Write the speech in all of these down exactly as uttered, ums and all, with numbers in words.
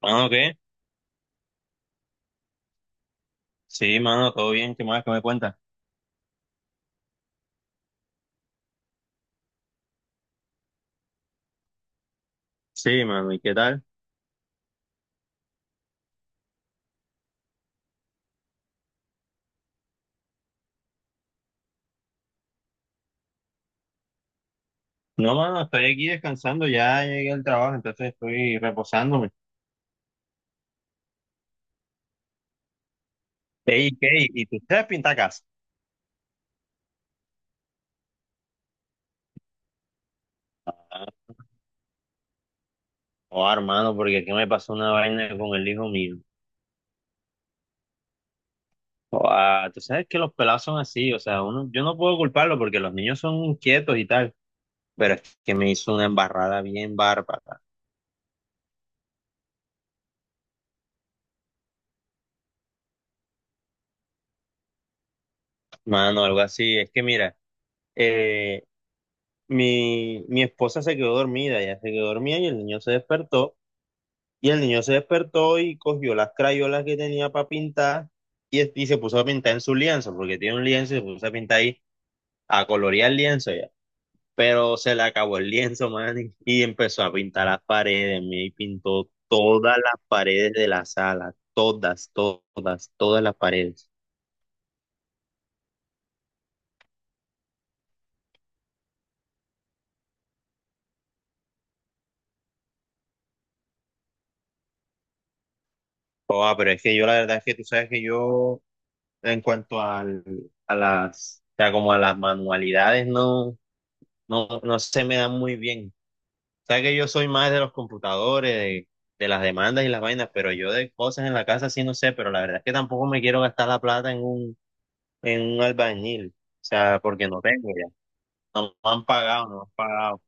Mano, ¿qué? Sí, mano, todo bien, ¿qué más que me cuentas? Sí, mano, ¿y qué tal? No, mano, estoy aquí descansando, ya llegué al trabajo, entonces estoy reposándome. Ey, ¿qué? ¿Y tú sabes pintar casa? Ah, oh, hermano, porque aquí me pasó una vaina con el hijo mío. Oh, ah, tú sabes que los pelados son así, o sea, uno, yo no puedo culparlo porque los niños son inquietos y tal, pero es que me hizo una embarrada bien bárbara, mano, algo así. Es que mira, eh, mi, mi esposa se quedó dormida, ella se quedó dormida y el niño se despertó. Y el niño se despertó y cogió las crayolas que tenía para pintar y, es- y se puso a pintar en su lienzo, porque tiene un lienzo y se puso a pintar ahí, a colorear el lienzo ya. Pero se le acabó el lienzo, man, y y empezó a pintar las paredes, me pintó todas las paredes de la sala, todas, to- todas, todas las paredes. Joda, pero es que yo la verdad es que tú sabes que yo, en cuanto al, a las, o sea, como a las manualidades, no, no, no se me dan muy bien. Sabes que yo soy más de los computadores, de, de las demandas y las vainas, pero yo de cosas en la casa sí no sé, pero la verdad es que tampoco me quiero gastar la plata en un, en un albañil, o sea, porque no tengo ya, no me han pagado, no me han pagado.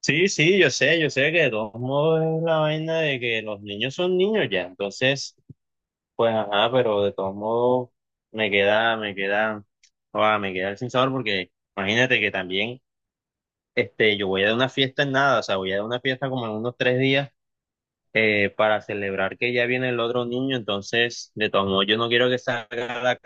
Sí, sí, yo sé, yo sé que de todos modos es la vaina de que los niños son niños ya, entonces, pues ajá, pero de todos modos me queda, me queda, ah, me queda el sin sabor porque imagínate que también, este, yo voy a dar una fiesta en nada, o sea, voy a dar una fiesta como en unos tres días. eh, para celebrar que ya viene el otro niño, entonces, de todos modos, yo no quiero que salga la...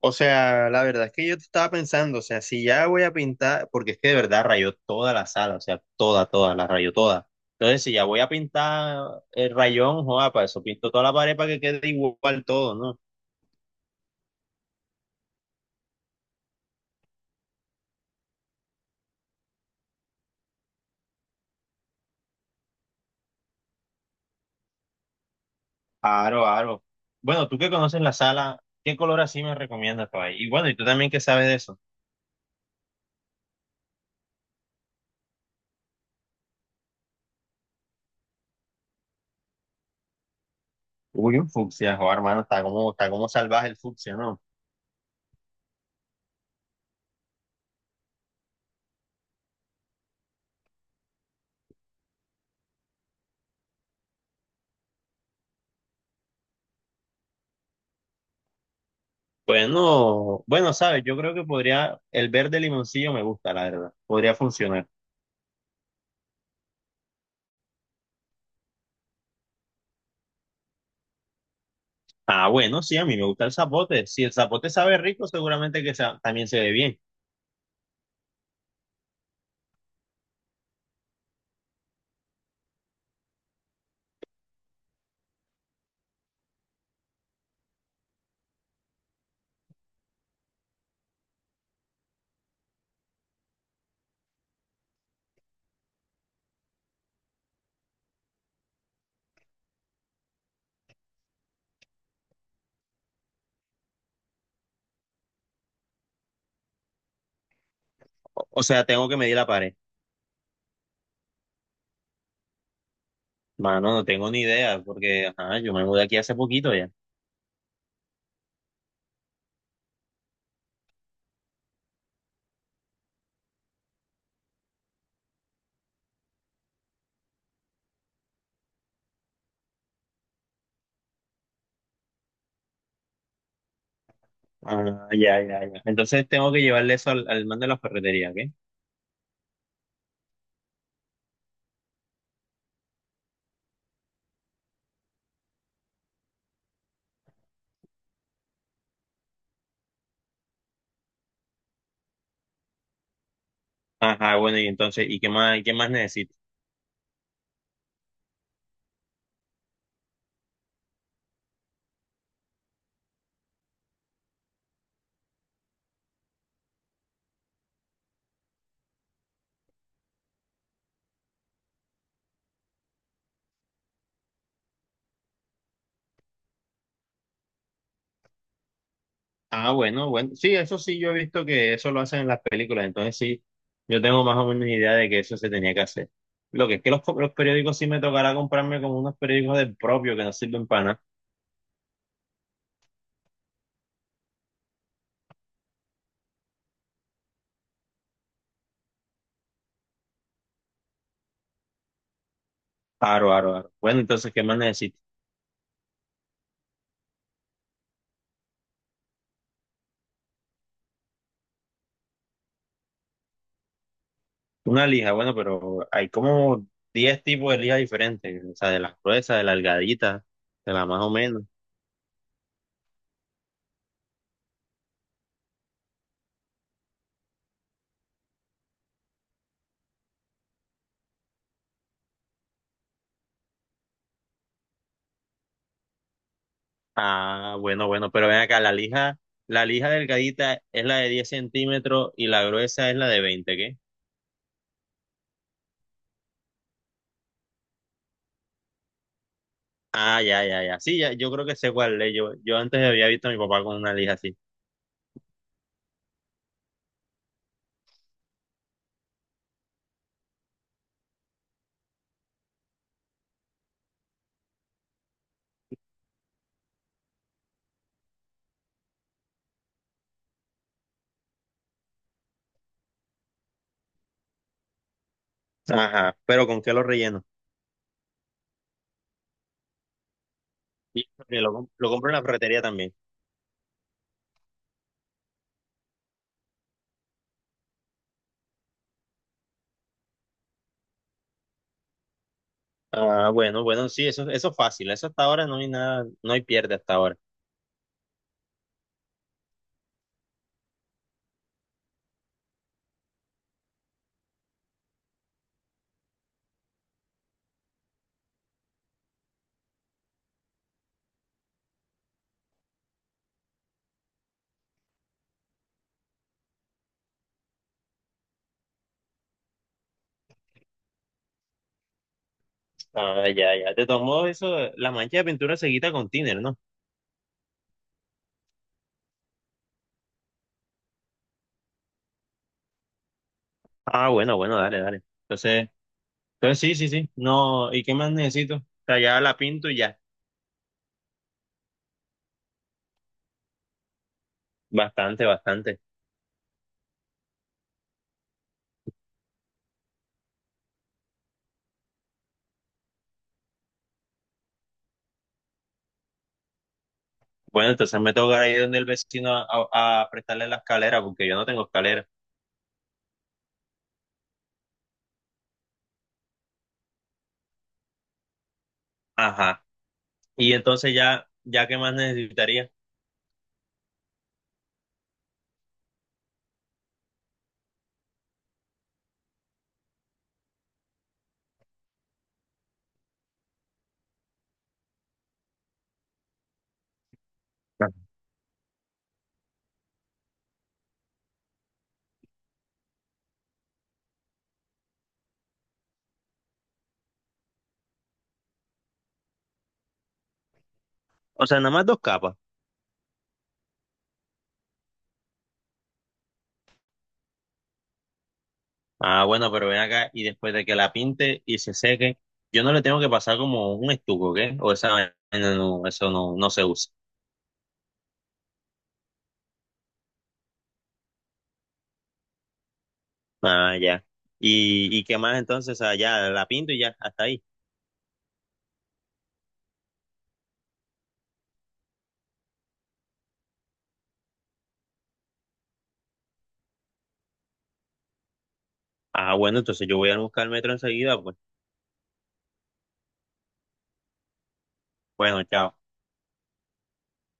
O sea, la verdad es que yo estaba pensando, o sea, si ya voy a pintar, porque es que de verdad rayó toda la sala, o sea, toda, toda, la rayó toda. Entonces, si ya voy a pintar el rayón, joda, para eso pinto toda la pared para que quede igual todo, ¿no? Aro, aro. Bueno, tú que conoces la sala, ¿qué color así me recomiendas para ahí? Y bueno, y tú también que sabes de eso. Uy, un fucsia, joder, hermano, está como, está como salvaje el fucsia, ¿no? Bueno, bueno, sabes, yo creo que podría, el verde limoncillo me gusta, la verdad, podría funcionar. Ah, bueno, sí, a mí me gusta el zapote. Si el zapote sabe rico, seguramente que sa- también se ve bien. O, o sea, tengo que medir la pared. Mano, no tengo ni idea, porque ajá, yo me mudé aquí hace poquito ya. Ah, ya, ya, ya. Entonces tengo que llevarle eso al, al man de la ferretería, ¿qué? Ajá, bueno, y entonces, ¿y qué más, qué más necesito? Ah, bueno, bueno. Sí, eso sí, yo he visto que eso lo hacen en las películas, entonces sí, yo tengo más o menos idea de que eso se tenía que hacer. Lo que es que los, co- los periódicos sí me tocará comprarme como unos periódicos del propio que no sirven para nada. Aro, aro, aro. Bueno, entonces, ¿qué más necesito? Una lija, bueno, pero hay como diez tipos de lija diferentes, o sea, de las gruesas, de la delgadita, de la más o menos. Ah, bueno, bueno, pero ven acá, la lija, la lija delgadita es la de diez centímetros y la gruesa es la de veinte. Ah, ya, ya, ya. Sí, ya, yo creo que sé cuál es. Yo, yo antes había visto a mi papá con una lija así. Ajá, pero ¿con qué lo relleno? Y porque lo, com- lo compro en la ferretería también. Ah, bueno, bueno, sí, eso, eso es fácil. Eso hasta ahora no hay nada, no hay pierde hasta ahora. Ah, ya, ya. Te tomó eso, la mancha de pintura se quita con thinner, ¿no? Ah, bueno, bueno, dale, dale. Entonces, entonces sí, sí, sí. No, ¿y qué más necesito? O sea, ya la pinto y ya. Bastante, bastante. Bueno, entonces me toca ir donde el vecino a, a a prestarle la escalera, porque yo no tengo escalera. Ajá. Y entonces ya, ya qué más necesitaría. O sea, nada más dos capas. Ah, bueno, pero ven acá y después de que la pinte y se seque, yo no le tengo que pasar como un estuco, ¿qué? O esa vaina no, eso no, no se usa. Ah, ya. ¿Y, y qué más entonces? Ah, ya, la pinto y ya, hasta ahí. Ah, bueno, entonces yo voy a buscar el metro enseguida, pues. Bueno, chao.